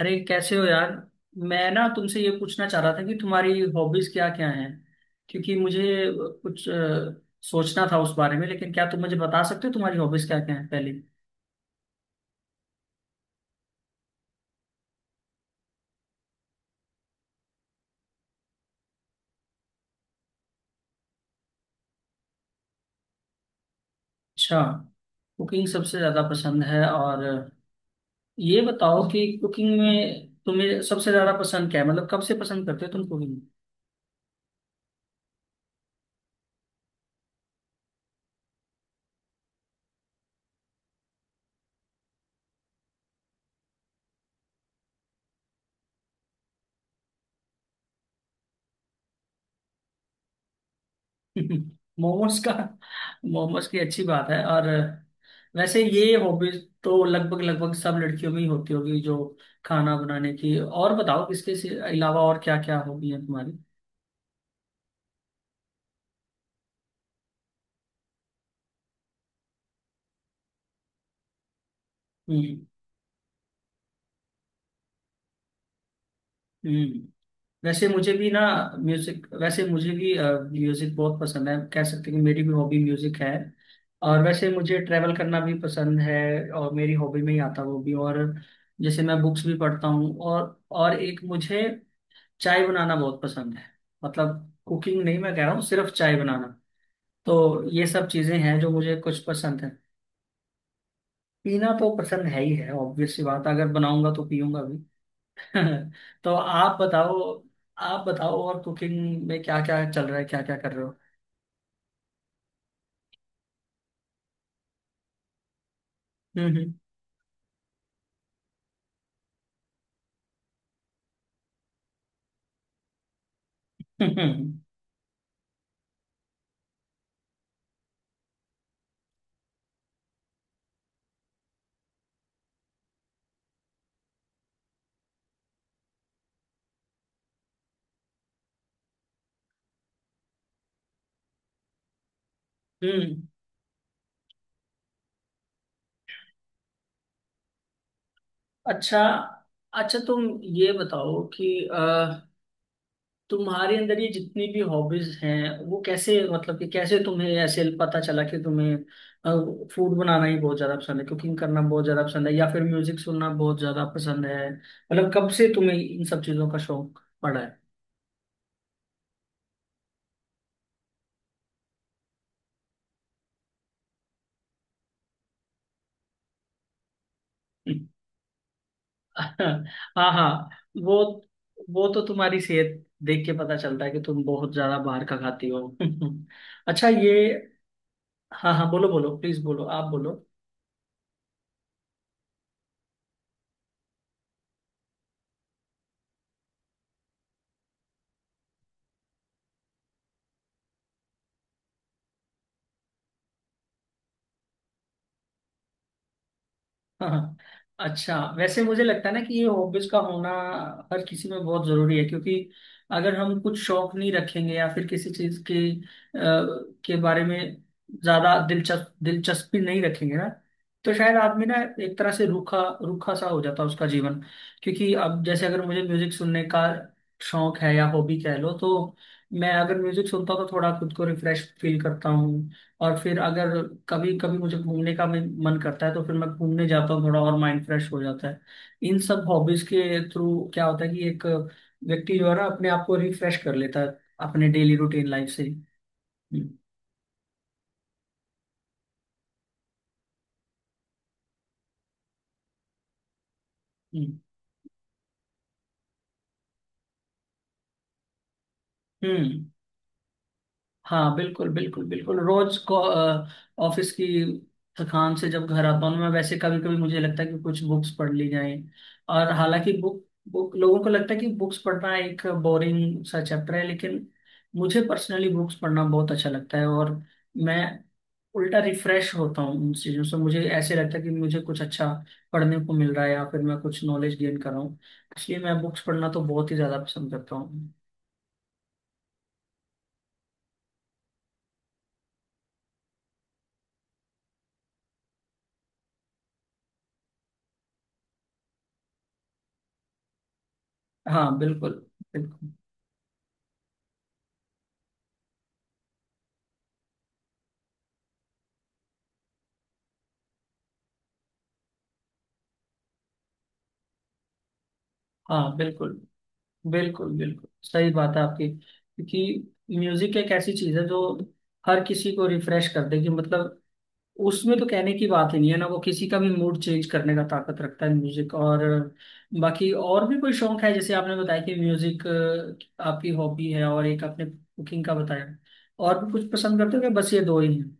अरे कैसे हो यार। मैं ना तुमसे ये पूछना चाह रहा था कि तुम्हारी हॉबीज क्या क्या हैं, क्योंकि मुझे कुछ सोचना था उस बारे में। लेकिन क्या तुम मुझे बता सकते हो तुम्हारी हॉबीज क्या क्या हैं पहले। अच्छा, कुकिंग सबसे ज्यादा पसंद है। और ये बताओ कि कुकिंग में तुम्हें सबसे ज्यादा पसंद क्या है, मतलब कब से पसंद करते हो तुम कुकिंग। मोमोज का, मोमोज की अच्छी बात है। और वैसे ये हॉबीज तो लगभग लगभग सब लड़कियों में ही होती होगी जो खाना बनाने की। और बताओ अलावा और क्या क्या हॉबी है तुम्हारी। हम्म। हम्म। वैसे मुझे भी ना म्यूजिक, वैसे मुझे भी म्यूजिक बहुत पसंद है। कह सकते हैं कि मेरी भी हॉबी म्यूजिक है। और वैसे मुझे ट्रैवल करना भी पसंद है, और मेरी हॉबी में ही आता है वो भी। और जैसे मैं बुक्स भी पढ़ता हूँ, और एक मुझे चाय बनाना बहुत पसंद है। मतलब कुकिंग नहीं, मैं कह रहा हूँ सिर्फ चाय बनाना। तो ये सब चीजें हैं जो मुझे कुछ पसंद है। पीना तो पसंद है ही है, ऑब्वियस सी बात है, अगर बनाऊंगा तो पीऊंगा भी। तो आप बताओ, आप बताओ और कुकिंग में क्या क्या चल रहा है, क्या क्या कर रहे हो। हम्म। हम्म। हम्म, हम्म। अच्छा। अच्छा तुम ये बताओ कि अ, तुम्हारे अंदर ये जितनी भी हॉबीज हैं वो कैसे, मतलब कि कैसे तुम्हें ऐसे पता चला कि तुम्हें फूड बनाना ही बहुत ज्यादा पसंद है, कुकिंग करना बहुत ज्यादा पसंद है, या फिर म्यूजिक सुनना बहुत ज्यादा पसंद है। मतलब कब से तुम्हें इन सब चीजों का शौक पड़ा है। हाँ हाँ। वो वो तो तुम्हारी सेहत देख के पता चलता है कि तुम बहुत ज्यादा बाहर का खाती हो। अच्छा, ये हाँ हाँ बोलो बोलो, प्लीज बोलो, आप बोलो। हाँ। अच्छा वैसे मुझे लगता है ना कि ये हॉबीज का होना हर किसी में बहुत जरूरी है। क्योंकि अगर हम कुछ शौक नहीं रखेंगे या फिर किसी चीज के के बारे में ज्यादा दिलचस्पी नहीं रखेंगे ना, तो शायद आदमी ना एक तरह से रूखा रूखा सा हो जाता है, उसका जीवन। क्योंकि अब जैसे अगर मुझे म्यूजिक सुनने का शौक है या हॉबी कह लो, तो मैं अगर म्यूजिक सुनता हूँ तो थोड़ा खुद को रिफ्रेश फील करता हूँ। और फिर अगर कभी कभी मुझे घूमने का भी मन करता है तो फिर मैं घूमने जाता हूँ, थोड़ा और माइंड फ्रेश हो जाता है। इन सब हॉबीज के थ्रू क्या होता है कि एक व्यक्ति जो है ना अपने आप को रिफ्रेश कर लेता है अपने डेली रूटीन लाइफ से। हम्म। हम्म। हम्म। हाँ बिल्कुल बिल्कुल बिल्कुल, रोज को ऑफिस की थकान से जब घर आता हूँ मैं, वैसे कभी कभी मुझे लगता है कि कुछ बुक्स पढ़ ली जाएं। और हालांकि बुक बुक लोगों को लगता है कि बुक्स पढ़ना एक बोरिंग सा चैप्टर है, लेकिन मुझे पर्सनली बुक्स पढ़ना बहुत अच्छा लगता है। और मैं उल्टा रिफ्रेश होता हूँ उन चीज़ों से। मुझे ऐसे लगता है कि मुझे कुछ अच्छा पढ़ने को मिल रहा है या फिर मैं कुछ नॉलेज गेन कर रहा हूँ। इसलिए मैं बुक्स पढ़ना तो बहुत ही ज़्यादा पसंद करता हूँ। हाँ बिल्कुल। बिल्कुल। हाँ बिल्कुल बिल्कुल, बिल्कुल सही बात है आपकी। क्योंकि म्यूजिक एक ऐसी चीज है जो हर किसी को रिफ्रेश कर देगी, मतलब उसमें तो कहने की बात ही नहीं है ना। वो किसी का भी मूड चेंज करने का ताकत रखता है म्यूजिक। और बाकी और भी कोई शौक है जैसे आपने बताया कि म्यूजिक आपकी हॉबी है और एक आपने कुकिंग का बताया। और भी कुछ पसंद करते हो क्या, बस ये दो ही हैं?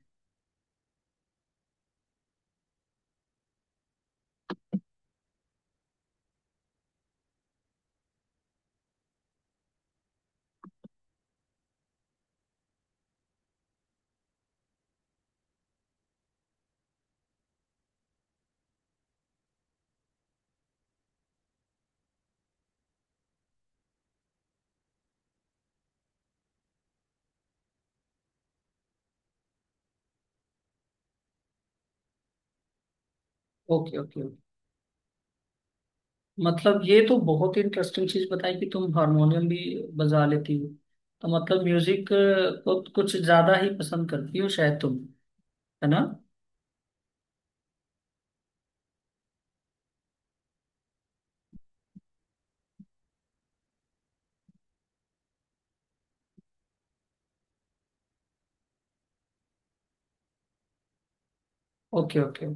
Okay okay. मतलब ये तो बहुत ही इंटरेस्टिंग चीज बताई कि तुम हारमोनियम भी बजा लेती हो। तो मतलब म्यूजिक को कुछ ज्यादा ही पसंद करती हो शायद तुम, है ना? Okay okay.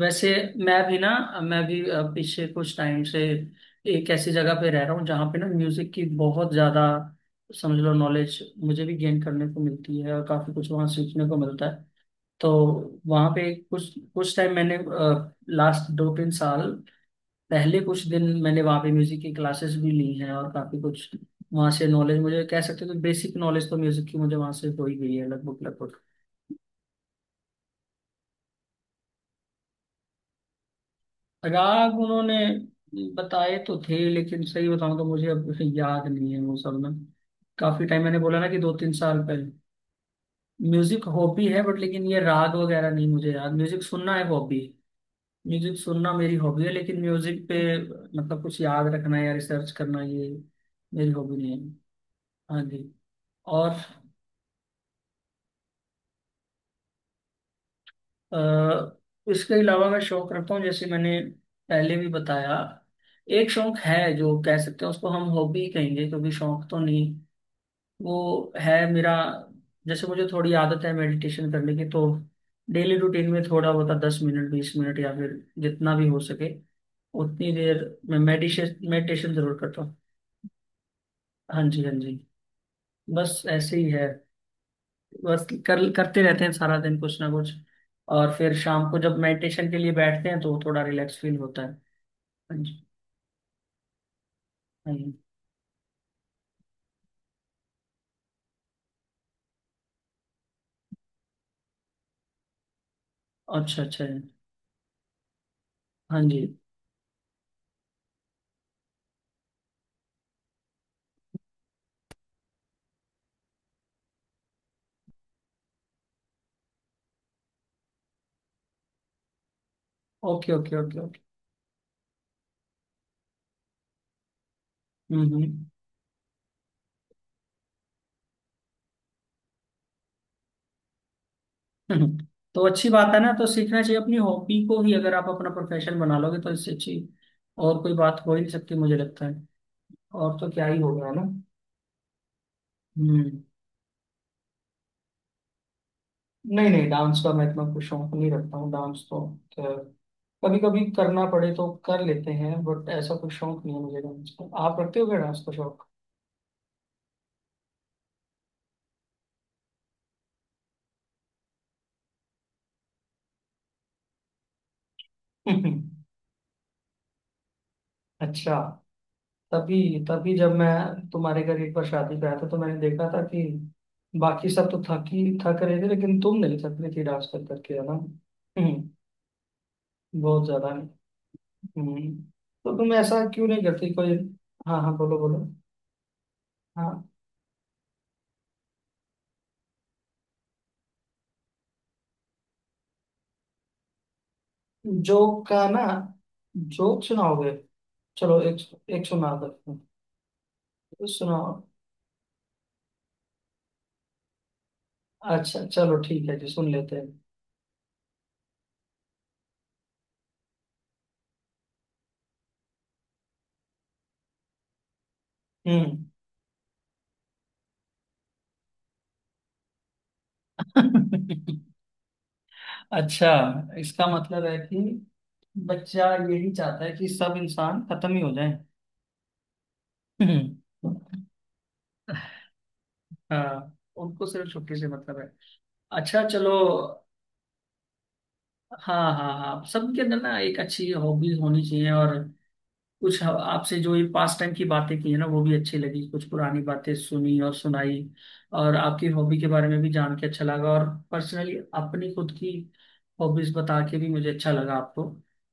वैसे मैं भी ना, मैं भी पिछले कुछ टाइम से एक ऐसी जगह पे रह रहा हूँ जहाँ पे ना म्यूजिक की बहुत ज्यादा, समझ लो, नॉलेज मुझे भी गेन करने को मिलती है और काफी कुछ वहाँ सीखने को मिलता है। तो वहाँ पे कुछ कुछ टाइम मैंने, लास्ट दो तीन साल पहले कुछ दिन मैंने वहाँ पे म्यूजिक की क्लासेस भी ली हैं, और काफी कुछ वहाँ से नॉलेज मुझे, कह सकते हो तो बेसिक नॉलेज तो म्यूजिक की मुझे वहाँ से हो ही गई है लगभग लगभग। राग उन्होंने बताए तो थे, लेकिन सही बताऊं तो मुझे अब याद नहीं है वो सब ना। काफी टाइम, मैंने बोला ना, कि दो तीन साल पहले। म्यूजिक हॉबी है बट, लेकिन ये राग वगैरह नहीं मुझे याद। म्यूजिक सुनना है हॉबी, म्यूजिक सुनना मेरी हॉबी है, लेकिन म्यूजिक पे मतलब कुछ याद रखना या रिसर्च करना ये मेरी हॉबी नहीं है। हाँ जी। और अ, इसके अलावा मैं शौक रखता हूँ, जैसे मैंने पहले भी बताया, एक शौक है जो कह सकते हैं उसको हम हॉबी कहेंगे क्योंकि शौक तो नहीं वो है मेरा। जैसे मुझे थोड़ी आदत है मेडिटेशन करने की। तो डेली रूटीन में थोड़ा बहुत दस मिनट बीस मिनट, या फिर जितना भी हो सके उतनी देर, मैं मेडिटेशन मेडिटेशन जरूर करता हूँ। हाँ जी हाँ जी। बस ऐसे ही है, बस कर करते रहते हैं सारा दिन कुछ ना कुछ। और फिर शाम को जब मेडिटेशन के लिए बैठते हैं तो थोड़ा रिलैक्स फील होता है। ਹਾਂਜੀ। ਹਾਂਜੀ। अच्छा। अच्छा है। हाँ जी। Okay okay okay okay. हम्म। हम्म। तो अच्छी बात है ना, तो सीखना चाहिए। अपनी हॉबी को ही अगर आप अपना प्रोफेशन बना लोगे तो इससे अच्छी और कोई बात हो ही नहीं सकती मुझे लगता है। और तो क्या ही हो गया ना। हम्म। नहीं नहीं, डांस का मैं इतना कुछ शौक नहीं रखता हूँ। डांस तो कभी कभी करना पड़े तो कर लेते हैं, बट ऐसा कुछ शौक नहीं है मुझे डांस का। आप रखते हो क्या डांस का शौक? अच्छा। तभी, तभी जब मैं तुम्हारे घर एक बार शादी पे आया था तो मैंने देखा था कि बाकी सब तो थक ही थक रहे थे लेकिन तुम नहीं थक रही थी डांस कर करके, है ना। बहुत ज्यादा। हम्म, तो तुम ऐसा क्यों नहीं करती कोई। हाँ हाँ बोलो बोलो। हाँ, जोक का ना? जोक सुनाओगे? चलो, एक एक सुना देते हैं। सुनाओ। अच्छा चलो ठीक है जी, सुन लेते हैं। हम्म। अच्छा। इसका मतलब है कि बच्चा यही चाहता है कि सब इंसान खत्म ही हो जाए। हाँ, उनको सिर्फ छुट्टी से मतलब है। अच्छा चलो। हाँ हाँ हाँ, सबके अंदर ना एक अच्छी हॉबीज होनी चाहिए। और कुछ आपसे जो ये पास टाइम की बातें की है ना वो भी अच्छी लगी, कुछ पुरानी बातें सुनी और सुनाई। और आपकी हॉबी के बारे में भी जान के अच्छा लगा, और पर्सनली अपनी खुद की हॉबीज बता के भी मुझे अच्छा लगा आपको।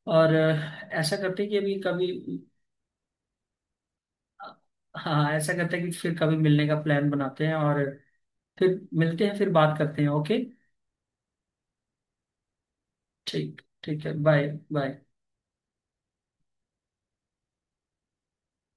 और ऐसा करते हैं कि अभी कभी, हाँ ऐसा करते हैं कि फिर कभी मिलने का प्लान बनाते हैं और फिर मिलते हैं, फिर बात करते हैं, ओके? ठीक ठीक है, बाय। बाय।